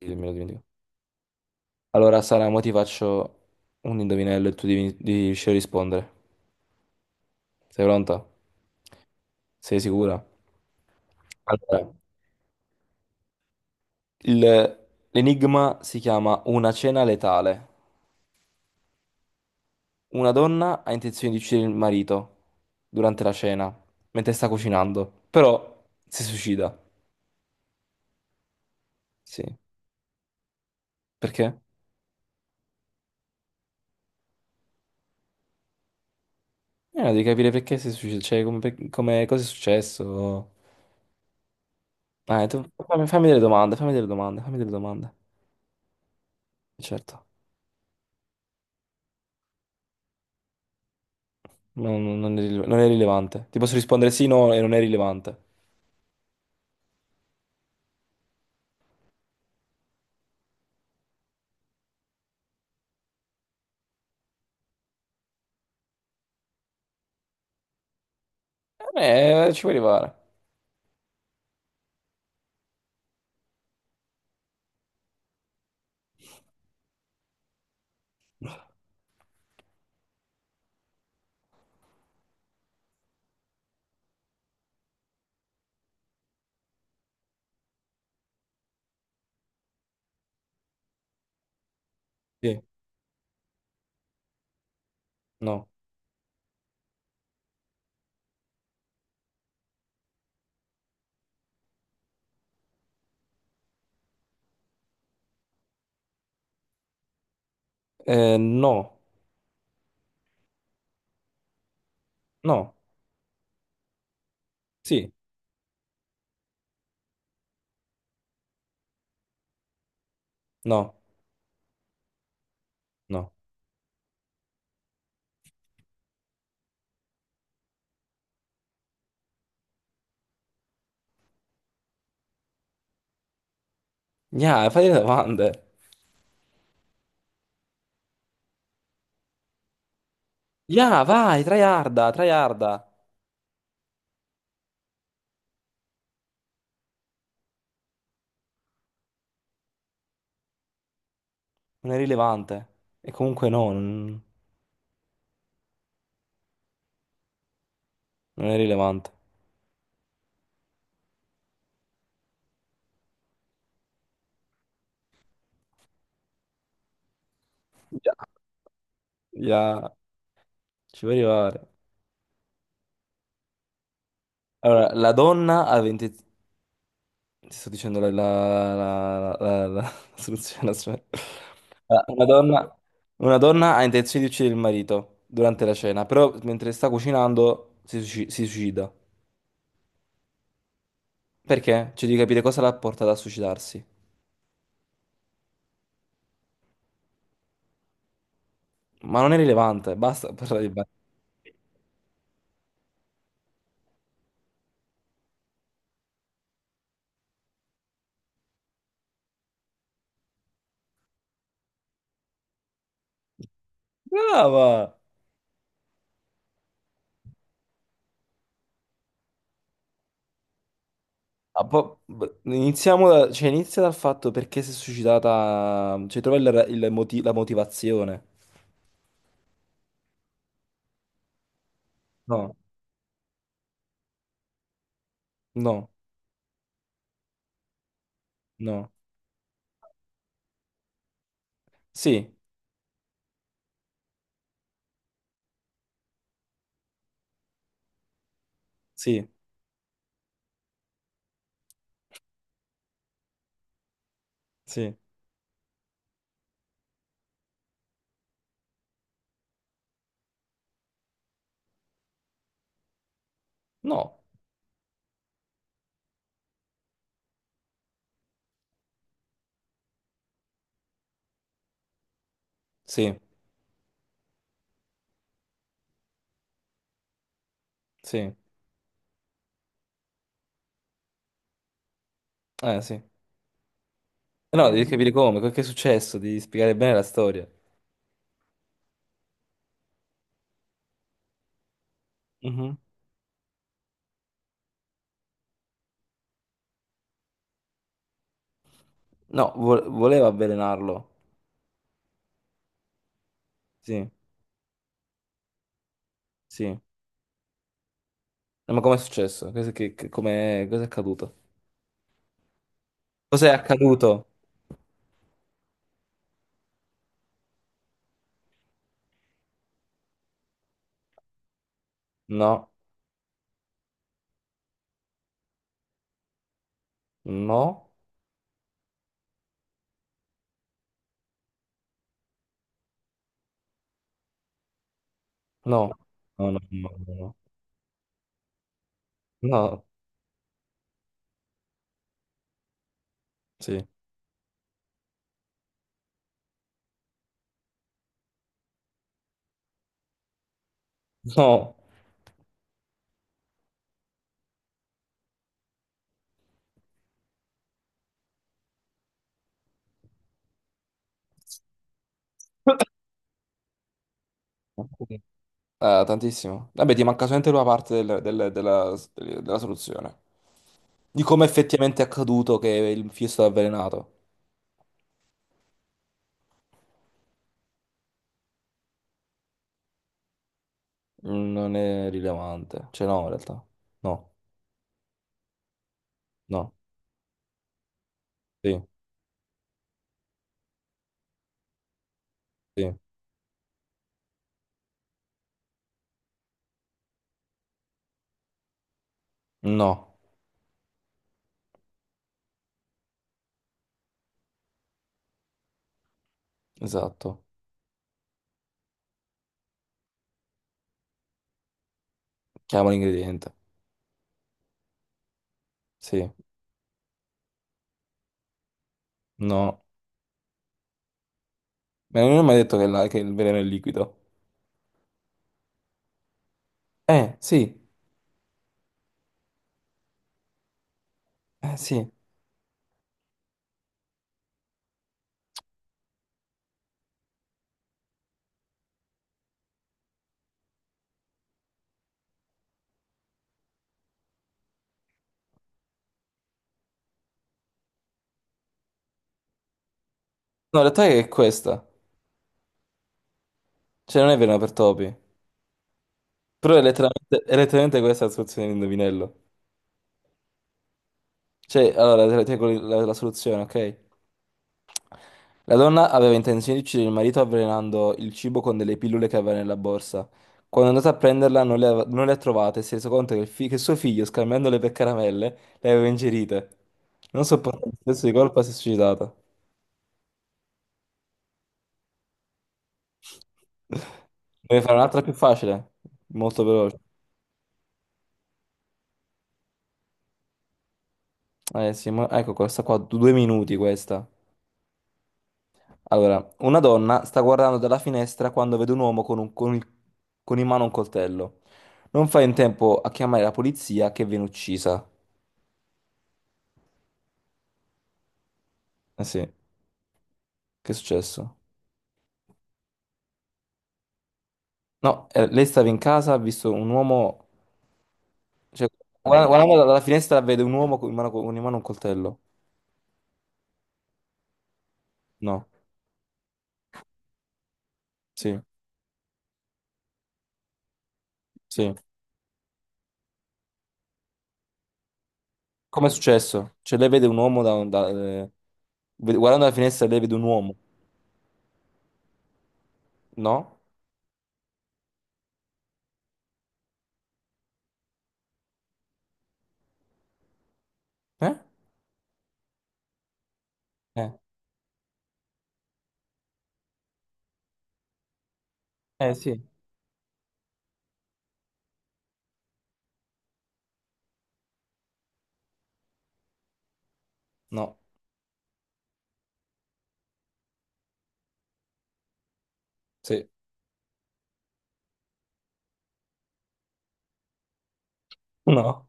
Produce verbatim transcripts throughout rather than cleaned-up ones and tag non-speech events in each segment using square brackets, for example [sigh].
Sì, me lo dimentico. Allora, Sara, mo ti faccio un indovinello e tu devi, devi riuscire a rispondere. Sei pronta? Sei sicura? Allora, il- l'enigma si chiama Una cena letale. Una donna ha intenzione di uccidere il marito durante la cena, mentre sta cucinando, però si suicida. Sì. Perché? Eh, devi capire perché si suicida, cioè come, per- come- cosa è successo. Eh, tu fammi, fammi delle domande, fammi delle domande, fammi delle domande. Certo. Non, non- non è, rile- non è rilevante. Ti posso rispondere sì, no, e non è rilevante. Eh, eh, ci puoi arrivare. Sì, no. Eh, no, no, sì, no, no. Gna, fai le domande. Gna, vai, tryharda, tryharda. Non è rilevante. E comunque no, non, non è rilevante. Già. Gna, ci puoi arrivare. Allora, la donna ha venti. Ti sto dicendo la, la- la- la- la- la [laughs] soluzione, aspetta. Ah, Una donna, una donna ha intenzione di uccidere il marito durante la cena, però mentre sta cucinando si, suici- si suicida. Perché? Cioè, di capire cosa l'ha portata a suicidarsi. Ma non è rilevante, basta [laughs] parlare di ba- Brava! Ah, po- b- iniziamo da- cioè, inizia dal fatto perché si è suicidata, cioè trova il- il moti- la motivazione. No, no, no. Sì, sì, sì. No. Sì, sì, eh sì. Eh, No, devi capire come, che che è successo, devi spiegare bene la storia. Mhm. No, vo- voleva avvelenarlo. Sì, sì. No, ma com'è successo? Cosa, che, che- com'è- cosa è accaduto? Cos'è accaduto? No, no, no, no, no, no, no, no, sì, no. [coughs] Eh, tantissimo. Vabbè, ti manca solamente una parte del- del- della, della soluzione. Di come effettivamente è accaduto che il fischio è stato avvelenato. Non è rilevante. Cioè, no, in realtà. No, no, sì, sì. No, esatto. Chiama l'ingrediente. Sì, no. Ma non mi ha mai detto che, la- che il veleno è liquido. Eh, sì, eh, sì. No, in realtà è questa. Cioè, non è veleno per topi. Però è letteralmente, è letteralmente questa la soluzione dell'indovinello. Cioè, allora, te la, te la- la soluzione, ok? La donna aveva intenzione di uccidere il marito avvelenando il cibo con delle pillole che aveva nella borsa. Quando è andata a prenderla non le, ave- non le ha trovate e si è reso conto che, il fi- che suo figlio, scambiandole per caramelle, le aveva ingerite. Non sopportando il senso di colpa, si è suicidata. Deve fare un'altra più facile, molto veloce. Eh sì, ma- ecco questa qua, du- due minuti questa. Allora, una donna sta guardando dalla finestra quando vede un uomo con, un- con il- con in mano un coltello. Non fa in tempo a chiamare la polizia che viene uccisa. Eh sì, che è successo? No, eh, lei stava in casa, ha visto un uomo. Cioè, guarda- Vabbè, guardando dalla finestra vede un uomo con in mano, con in mano un coltello. No, sì, sì. Com'è successo? Cioè, lei vede un uomo da... da- eh, vede- Guardando dalla finestra lei vede un uomo. No? Eh? Eh, eh sì. No, sì. No.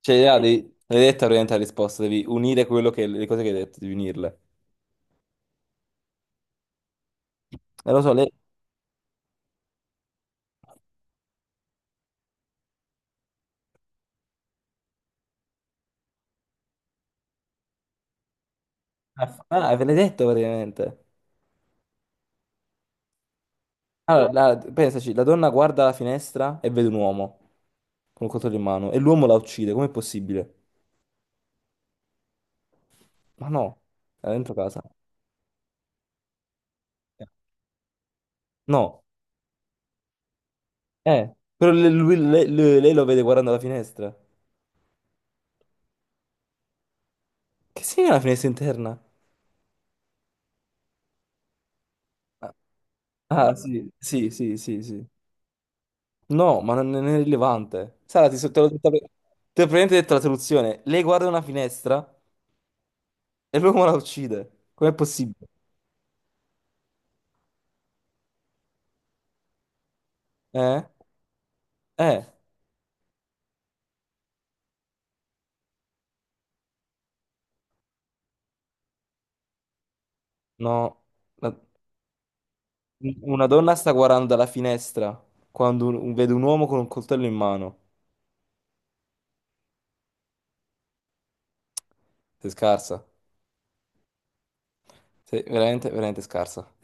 Cioè, ah, devi- l'hai detta praticamente la risposta, devi unire quello che, le cose che hai detto, devi unirle. E lo so, lei... Ah, ve l'hai detto praticamente. Allora, la- pensaci, la donna guarda la finestra e vede un uomo con un coltello in mano e l'uomo la uccide, com'è possibile? Ma no, era dentro casa. No, eh, però le- lui- le- le- lei lo vede guardando la finestra. Che segna la finestra interna? Ah, ah, sì, sì, sì, sì, sì. No, ma non non è rilevante. Sara, ti, so- te l'ho detta pre- te l'ho praticamente detto la soluzione. Lei guarda una finestra e l'uomo la uccide. Com'è possibile? Eh? Eh? No. La- Una donna sta guardando dalla finestra quando un- un- vede un uomo con un coltello in mano. Sei scarsa. Sei veramente, veramente scarsa.